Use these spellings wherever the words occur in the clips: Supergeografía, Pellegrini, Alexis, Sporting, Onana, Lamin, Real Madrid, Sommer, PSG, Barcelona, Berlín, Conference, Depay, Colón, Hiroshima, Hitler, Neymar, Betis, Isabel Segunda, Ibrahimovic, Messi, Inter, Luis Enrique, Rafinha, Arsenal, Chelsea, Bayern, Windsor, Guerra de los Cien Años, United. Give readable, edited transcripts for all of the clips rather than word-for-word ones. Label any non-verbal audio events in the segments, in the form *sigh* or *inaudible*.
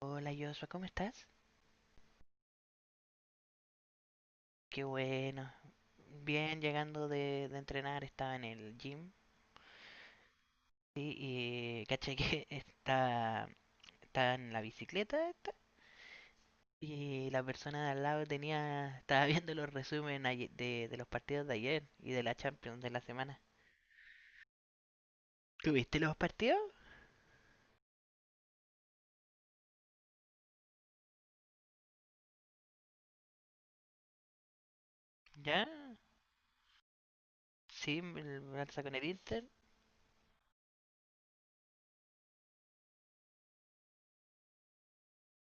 Hola Joshua, ¿cómo estás? Qué bueno. Bien, llegando de entrenar, estaba en el gym. Sí, y caché que *laughs* estaba en la bicicleta esta, y la persona de al lado estaba viendo los resúmenes de los partidos de ayer y de la Champions de la semana. ¿Tuviste los partidos? ¿Ya? Sí, el Barça con el Inter.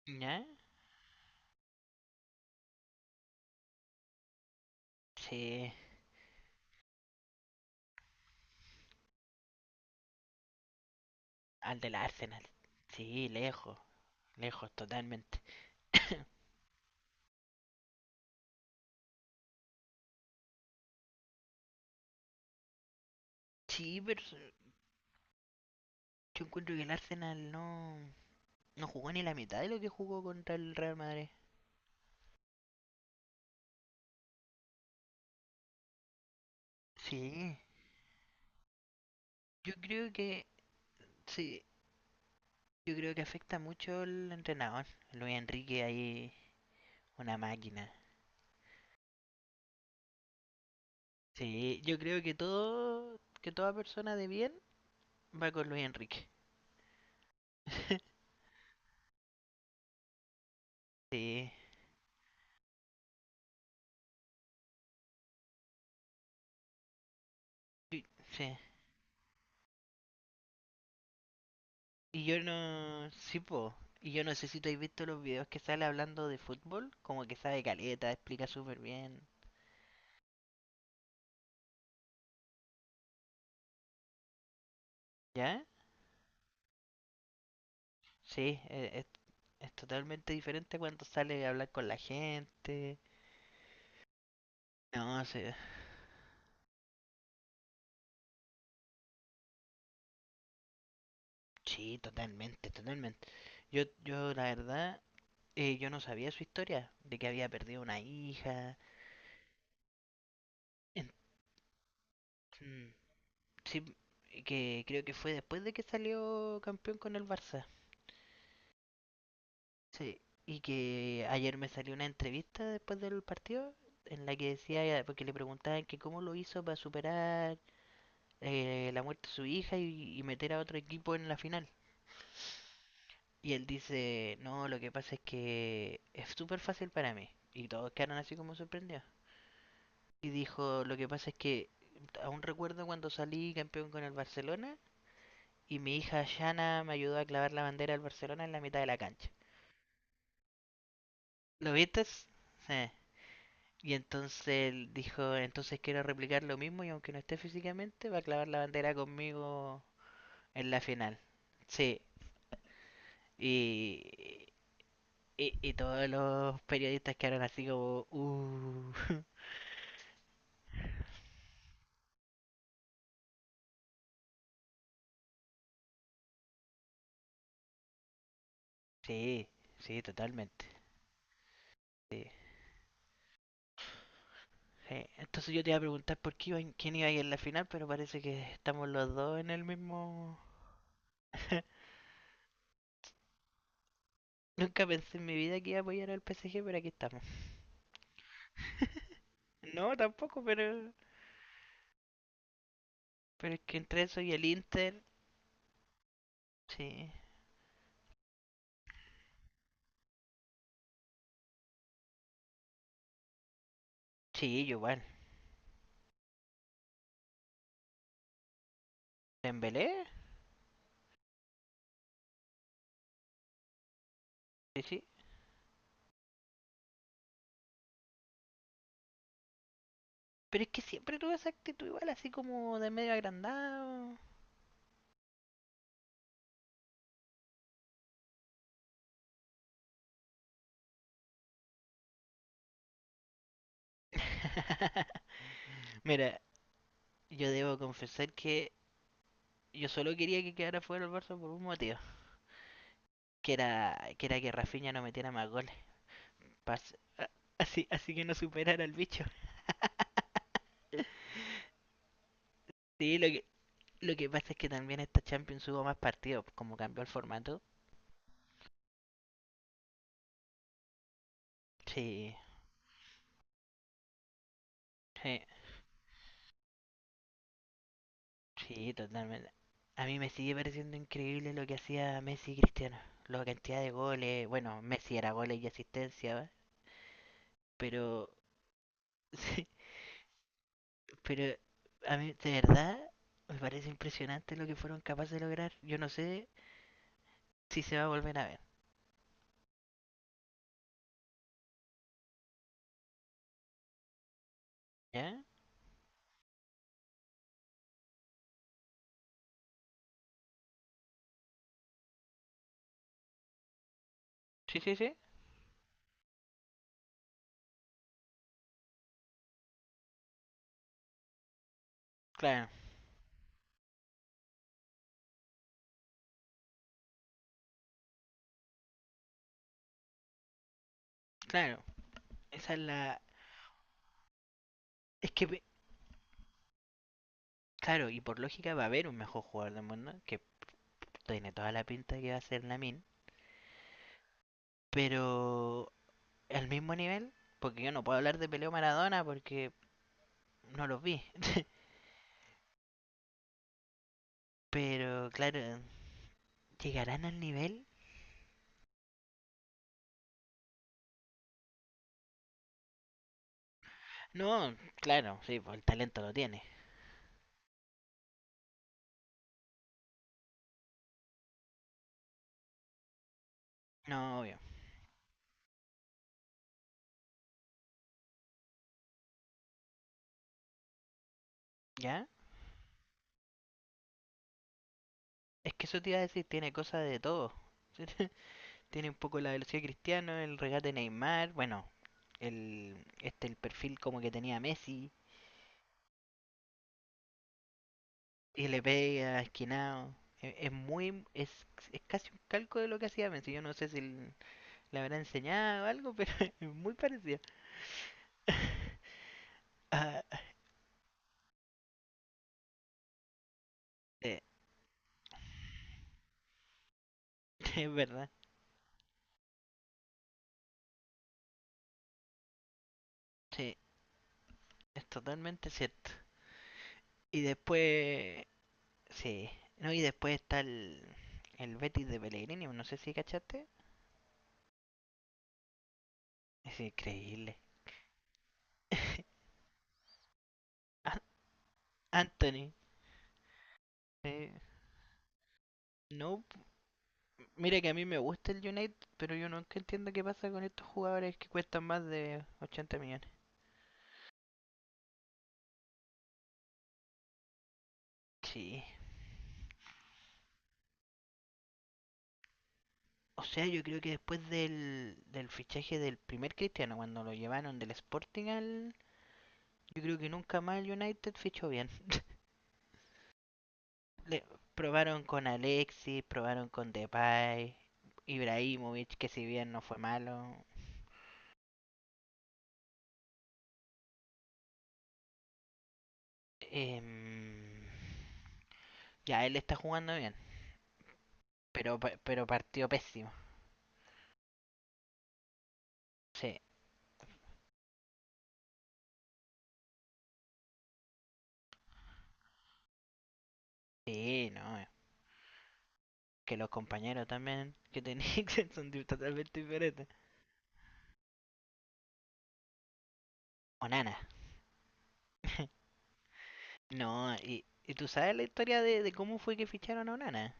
¿Ya? Sí, al del Arsenal. Sí, lejos, lejos totalmente. *coughs* Sí, pero yo encuentro que el Arsenal no, no jugó ni la mitad de lo que jugó contra el Real Madrid. Sí. Yo creo sí, yo creo que afecta mucho el entrenador. Luis Enrique ahí, una máquina. Sí, yo creo que toda persona de bien va con Luis Enrique. *laughs* Sí, y- sí. Y yo no, sí, po. Y yo no sé si tú has visto los videos que sale hablando de fútbol, como que sabe caleta, explica súper bien. ¿Ya? Sí, es... Es totalmente diferente cuando sale a hablar con la gente. No sé, sí, totalmente, totalmente. Yo la verdad, yo no sabía su historia, de que había perdido una hija. En- mm, sí, que creo que fue después de que salió campeón con el Barça. Sí, y que ayer me salió una entrevista después del partido en la que decía, porque le preguntaban que cómo lo hizo para superar la muerte de su y meter a otro equipo en la final. Y él dice, no, lo que pasa es que es súper fácil para mí. Y todos quedaron así como sorprendidos. Y dijo, lo que pasa es que aún recuerdo cuando salí campeón con el Barcelona y mi hija Shana me ayudó a clavar la bandera del Barcelona en la mitad de la cancha. ¿Lo viste? Sí. Y entonces él dijo, entonces quiero replicar lo mismo y aunque no esté físicamente, va a clavar la bandera conmigo en la final. Sí, Y, y todos los periodistas quedaron así como. *laughs* Sí, sí, totalmente. Sí, sí. Entonces yo te iba a preguntar por qué iba, quién iba a ir en la final, pero parece que estamos los dos en el mismo... *laughs* Nunca pensé en mi vida que iba a apoyar al PSG, pero aquí estamos. *laughs* No, tampoco, pero... Pero es que entre eso y el Inter, sí. Sí, yo igual. ¿En Belé? Sí, sí. Pero es que siempre tuve esa actitud igual, así como de medio agrandado. *laughs* Mira, yo debo confesar que yo solo quería que quedara fuera el Barça por un motivo, que era que Rafinha no metiera más goles, pas- a- así que no superara al bicho. *laughs* Sí, lo que pasa es que también esta Champions hubo más partidos, como cambió el formato. Sí, sí, sí, totalmente. A mí me sigue pareciendo increíble lo que hacía Messi y Cristiano, la cantidad de goles, bueno, Messi era goles y asistencia, ¿va? Pero *laughs* sí, pero a mí, de verdad, me parece impresionante lo que fueron capaces de lograr. Yo no sé si se va a volver a ver. ¿Ya? Sí, sí, sí. Claro, claro. Esa es la. Es que, claro, y por lógica va a haber un mejor jugador del mundo, que tiene toda la pinta de que va a ser Lamin. Pero al mismo nivel, porque yo no puedo hablar de Peleo Maradona porque no los vi. *laughs* Pero, claro, ¿llegarán al nivel? No, claro, sí, pues el talento lo tiene. No, obvio. ¿Ya? Es que eso te iba a decir, tiene cosas de todo. *laughs* Tiene un poco la velocidad de Cristiano, el regate de Neymar, bueno, el perfil como que tenía Messi, y le pega, esquinado. Es casi un calco de lo que hacía Messi. Yo no sé si le habrá enseñado algo, pero *laughs* es muy parecido. *laughs* Ah, eh, *laughs* es verdad, sí, es totalmente cierto. Y después sí, no, y después está el Betis de Pellegrini, no sé si cachaste. Es increíble. *laughs* An- Anthony. eh, no, mira que a mí me gusta el United, pero yo nunca entiendo qué pasa con estos jugadores que cuestan más de 80 millones. Sí. O sea, yo creo que después del fichaje del primer Cristiano, cuando lo llevaron del Sporting al... Yo creo que nunca más el United fichó bien. *laughs* le- Probaron con Alexis, probaron con Depay, Ibrahimovic, que si bien no fue malo. em, ya, él está jugando bien, pero partió pésimo. Sí, sí, no. Que los compañeros también que tenían *laughs* totalmente diferentes. Onana. *laughs* No, y tú sabes la historia de cómo fue que ficharon a Onana.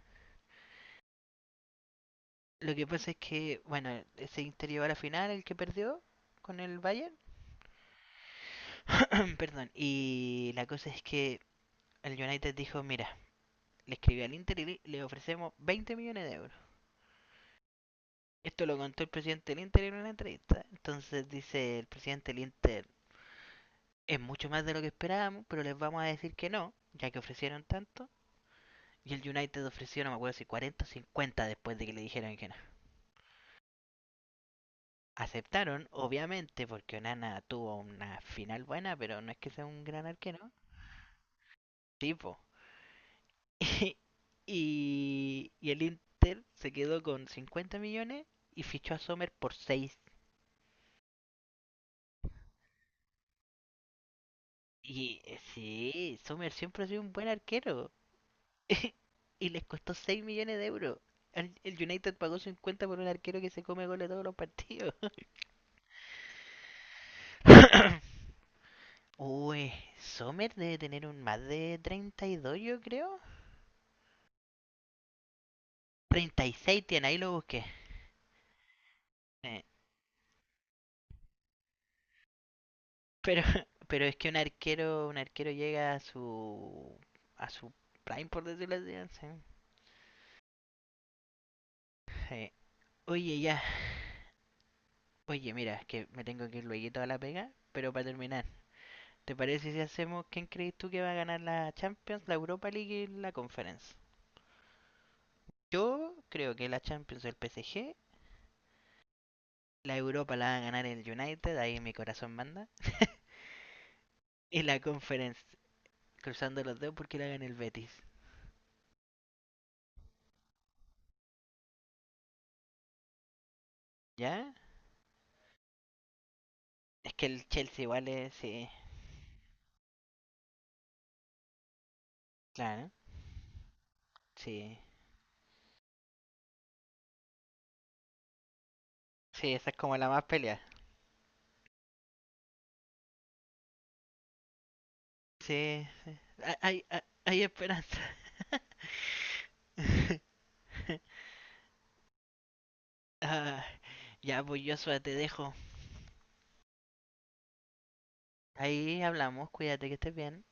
Lo que pasa es que, bueno, se interior a la final, el que perdió con el Bayern. *coughs* Perdón, y la cosa es que el United dijo, mira, le escribí al Inter y le- ofrecemos 20 millones de euros. Esto lo contó el presidente del Inter en una entrevista. Entonces dice el presidente del Inter, es mucho más de lo que esperábamos, pero les vamos a decir que no, ya que ofrecieron tanto. Y el United ofreció, no me acuerdo si 40 o 50 después de que le dijeron que no. Aceptaron, obviamente, porque Onana tuvo una final buena, pero no es que sea un gran arquero. Tipo, *laughs* y el Inter se quedó con 50 millones y fichó a Sommer por seis. Y sí, Sommer siempre ha sido un buen arquero. *laughs* Y les costó 6 millones de euros. El United pagó 50 por un arquero que se come goles todos los partidos. *coughs* Uy, Sommer debe tener un más de 32 yo creo. 36 tiene, ahí lo busqué. Eh, Pero *laughs* pero es que un arquero llega a a su prime, por decirlo así. ¿Sí? Sí. Oye, ya. Oye, mira, es que me tengo que ir luego a la pega, pero para terminar, ¿te parece si hacemos quién crees tú que va a ganar la Champions, la Europa League y la Conference? Yo creo que la Champions el PSG, la Europa la va a ganar el United, ahí mi corazón manda, *laughs* y la Conference, cruzando los dedos porque la gana el Betis, ¿ya? Es que el Chelsea igual es, sí. Claro. Sí, sí, esa es como la más pelea. Sí, hay esperanza. *laughs* Ah, ya, pues Joshua, te dejo. Ahí hablamos, cuídate que estés bien.